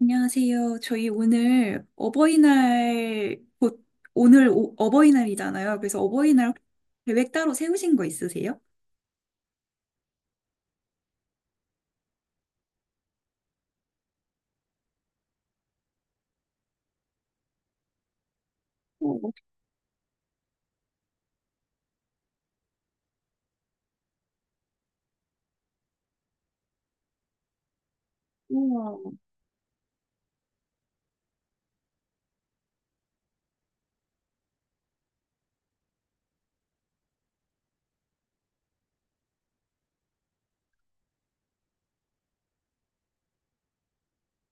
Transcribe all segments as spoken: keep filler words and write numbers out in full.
안녕하세요. 저희 오늘 어버이날, 곧 오늘 오- 어버이날이잖아요. 그래서 어버이날 계획 따로 세우신 거 있으세요? 우와.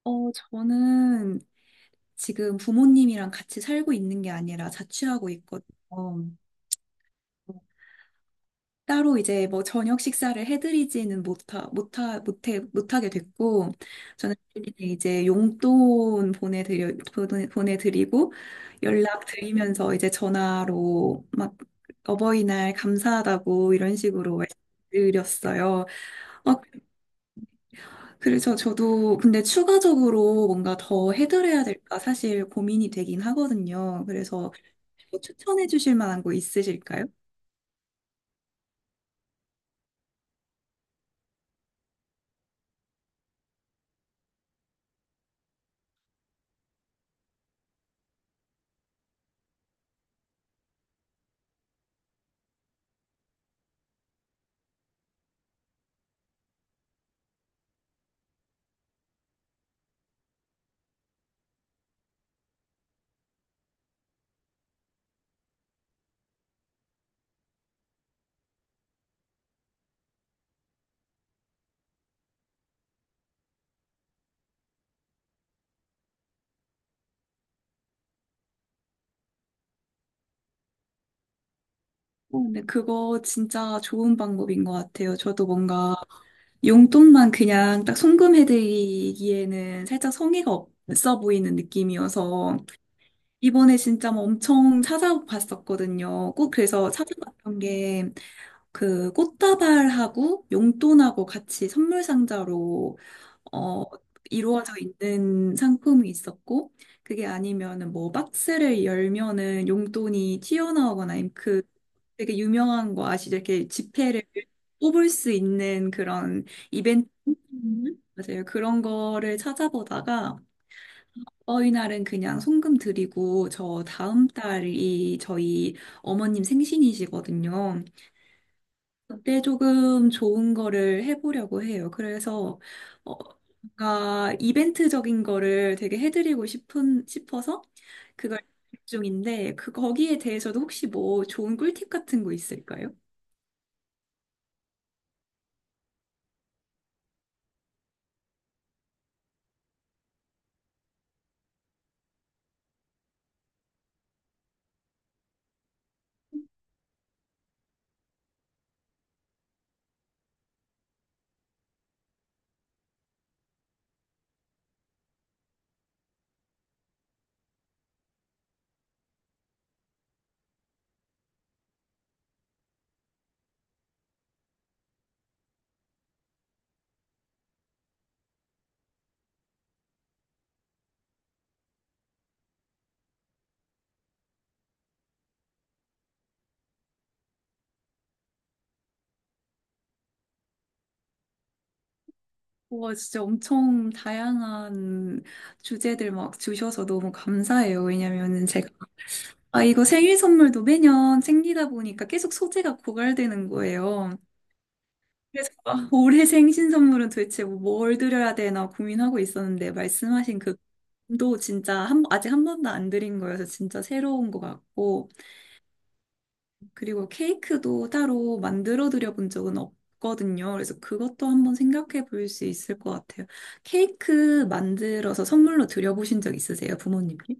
어, 저는 지금 부모님이랑 같이 살고 있는 게 아니라 자취하고 있거든요. 따로 이제 뭐 저녁 식사를 해드리지는 못하, 못하, 못해, 못하게 됐고, 저는 이제 용돈 보내드려, 보내- 보내드리고, 연락드리면서 이제 전화로 막 어버이날 감사하다고 이런 식으로 말씀드렸어요. 어, 그래서 저도 근데 추가적으로 뭔가 더 해드려야 될까 사실 고민이 되긴 하거든요. 그래서 뭐 추천해 주실 만한 거 있으실까요? 어, 근데 그거 진짜 좋은 방법인 것 같아요. 저도 뭔가 용돈만 그냥 딱 송금해드리기에는 살짝 성의가 없어 보이는 느낌이어서 이번에 진짜 뭐 엄청 찾아봤었거든요. 꼭 그래서 찾아봤던 게 그 꽃다발하고 용돈하고 같이 선물 상자로 어, 이루어져 있는 상품이 있었고, 그게 아니면은 뭐 박스를 열면은 용돈이 튀어나오거나, 아니면 그 되게 유명한 거 아시죠? 이렇게 지폐를 뽑을 수 있는 그런 이벤트? 음. 맞아요. 그런 거를 찾아보다가, 어이 날은 그냥 송금 드리고, 저 다음 달이 저희 어머님 생신이시거든요. 그때 조금 좋은 거를 해보려고 해요. 그래서 어, 뭔가 이벤트적인 거를 되게 해드리고 싶은 싶어서 그걸 계획 중인데 그 거기에 대해서도 혹시 뭐 좋은 꿀팁 같은 거 있을까요? 와 진짜 엄청 다양한 주제들 막 주셔서 너무 감사해요. 왜냐면은 제가 아 이거 생일 선물도 매년 생기다 보니까 계속 소재가 고갈되는 거예요. 그래서 아, 올해 생신 선물은 도대체 뭐 뭘 드려야 되나 고민하고 있었는데 말씀하신 그도 진짜 한, 아직 한 번도 안 드린 거여서 진짜 새로운 것 같고 그리고 케이크도 따로 만들어 드려 본 적은 없거든요. 그래서 그것도 한번 생각해 볼 수 있을 것 같아요. 케이크 만들어서 선물로 드려 보신 적 있으세요, 부모님께?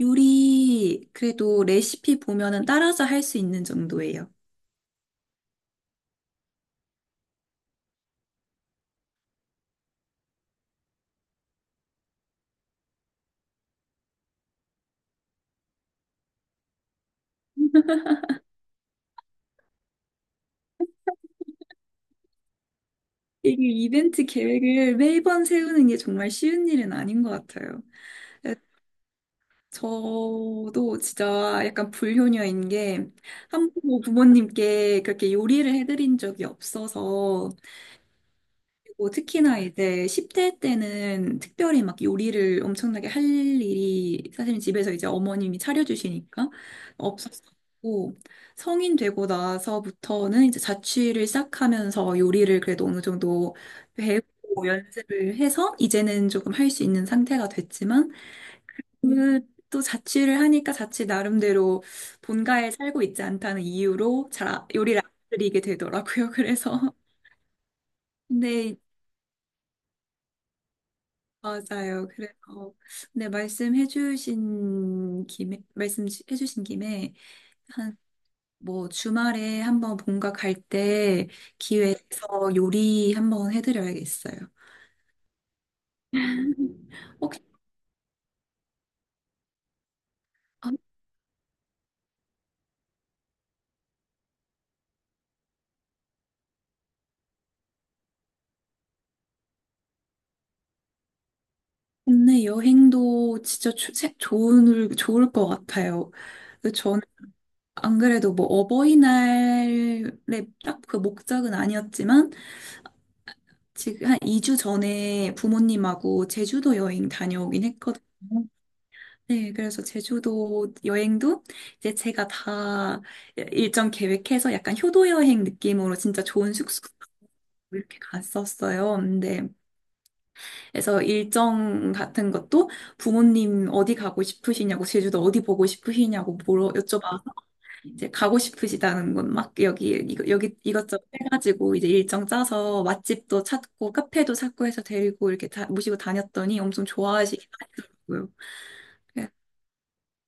요리 그래도 레시피 보면은 따라서 할 수 있는 정도예요. 이게 이벤트 계획을 매번 세우는 게 정말 쉬운 일은 아닌 것 같아요. 네, 저도 진짜 약간 불효녀인 게 한 번도 부모님께 그렇게 요리를 해드린 적이 없어서 그리고 특히나 이제 십 대 때는 특별히 막 요리를 엄청나게 할 일이 사실 집에서 이제 어머님이 차려주시니까 없었고 성인 되고 나서부터는 이제 자취를 시작하면서 요리를 그래도 어느 정도 배우고 연습을 해서 이제는 조금 할 수 있는 상태가 됐지만 그 또 자취를 하니까 자취 나름대로 본가에 살고 있지 않다는 이유로 잘 아- 요리를 안 드리게 되더라고요. 그래서 네 맞아요. 그래서 네 말씀해주신 김에 말씀해주신 김에 한 뭐 주말에 한번 본가 갈 때 기회에서 요리 한번 해드려야겠어요. 혹시 아, 국내 여행도 진짜 조- 세- 좋을 좋을 것 같아요. 그 저는 안 그래도 뭐 어버이날에 딱 그 목적은 아니었지만 지금 한 이 주 전에 부모님하고 제주도 여행 다녀오긴 했거든요. 네, 그래서 제주도 여행도 이제 제가 다 일정 계획해서 약간 효도 여행 느낌으로 진짜 좋은 숙소 이렇게 갔었어요. 근데 그래서 일정 같은 것도 부모님 어디 가고 싶으시냐고 제주도 어디 보고 싶으시냐고 물어 여쭤봐 이제 가고 싶으시다는 건 막 여기 이거- 여기 이것저것 해가지고 이제 일정 짜서 맛집도 찾고 카페도 찾고 해서 데리고 이렇게 다, 모시고 다녔더니 엄청 좋아하시긴 하더라고요. 그래,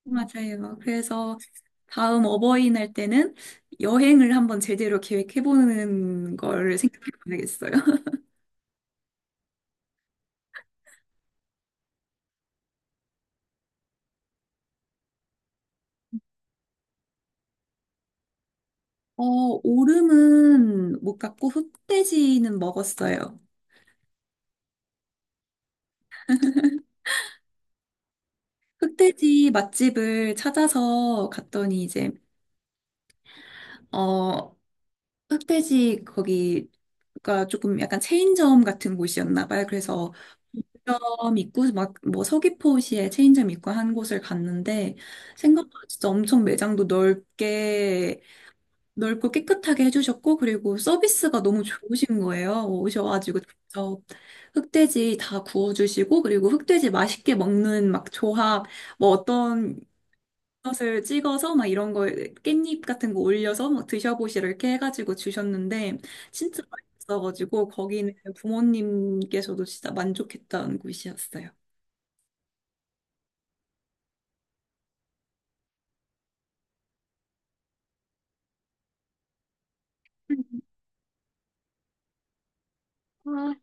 맞아요. 그래서 다음 어버이날 때는 여행을 한번 제대로 계획해보는 걸 생각해봐야겠어요. 어, 오름은 못 갔고 흑돼지는 먹었어요. 흑돼지 맛집을 찾아서 갔더니 이제 어 흑돼지 거기가 조금 약간 체인점 같은 곳이었나 봐요. 그래서 점 있고 막 뭐 서귀포시에 체인점 있고 한 곳을 갔는데 생각보다 진짜 엄청 매장도 넓게 넓고 깨끗하게 해주셨고 그리고 서비스가 너무 좋으신 거예요. 오셔가지고 직접 흑돼지 다 구워주시고 그리고 흑돼지 맛있게 먹는 막 조합 뭐 어떤 것을 찍어서 막 이런 거 깻잎 같은 거 올려서 막 드셔보시라 이렇게 해가지고 주셨는데 진짜 맛있어가지고 거기는 부모님께서도 진짜 만족했던 곳이었어요. 아,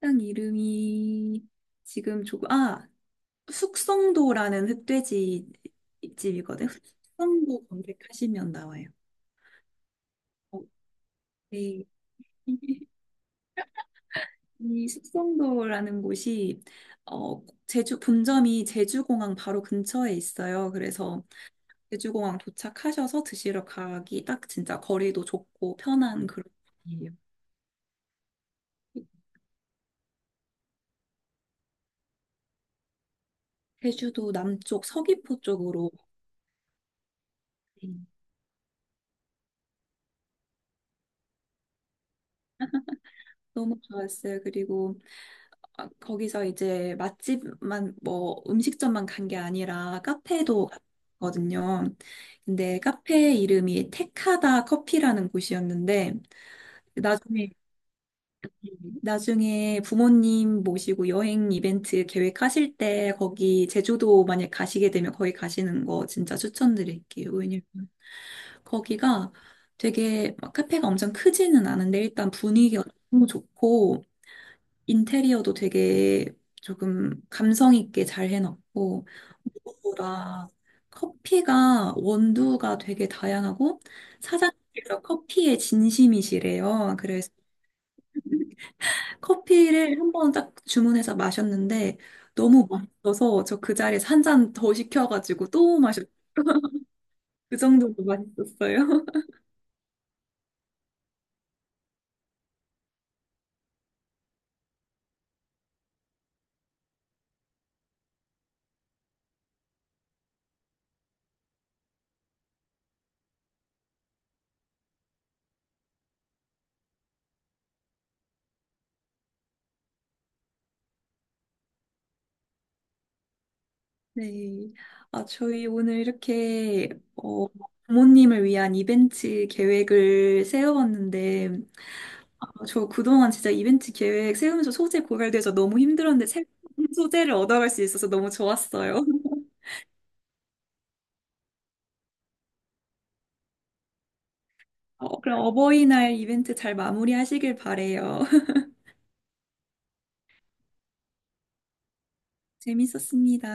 식당 이름이 지금 조금 아 숙성도라는 흑돼지 집이거든. 숙성도 검색하시면 나와요. 어, 네. 이 숙성도라는 곳이 어, 제주 본점이 제주공항 바로 근처에 있어요. 그래서 제주공항 도착하셔서 드시러 가기 딱 진짜 거리도 좁고 편한 그런 곳이에요. 제주도 남쪽 서귀포 쪽으로 음. 너무 좋았어요. 그리고 아, 거기서 이제 맛집만 뭐 음식점만 간 게 아니라 카페도 갔거든요. 근데 카페 이름이 테카다 커피라는 곳이었는데 나중에 나중에 부모님 모시고 여행 이벤트 계획하실 때 거기 제주도 만약 가시게 되면 거기 가시는 거 진짜 추천드릴게요. 왜냐면 거기가 되게 막 카페가 엄청 크지는 않은데 일단 분위기가 너무 좋고 인테리어도 되게 조금 감성 있게 잘 해놨고 무엇보다 커피가 원두가 되게 다양하고 사장님께서 커피에 진심이시래요. 그래서 커피를 한 번 딱 주문해서 마셨는데 너무 맛있어서 저 그 자리에서 한 잔 더 시켜가지고 또 마셨. 그 정도로 맛있었어요. 네. 아, 저희 오늘 이렇게 어, 부모님을 위한 이벤트 계획을 세워봤는데 아, 저 그동안 진짜 이벤트 계획 세우면서 소재 고갈돼서 너무 힘들었는데 새로운 소재를 얻어갈 수 있어서 너무 좋았어요. 어, 그럼 어버이날 이벤트 잘 마무리하시길 바래요. 재밌었습니다.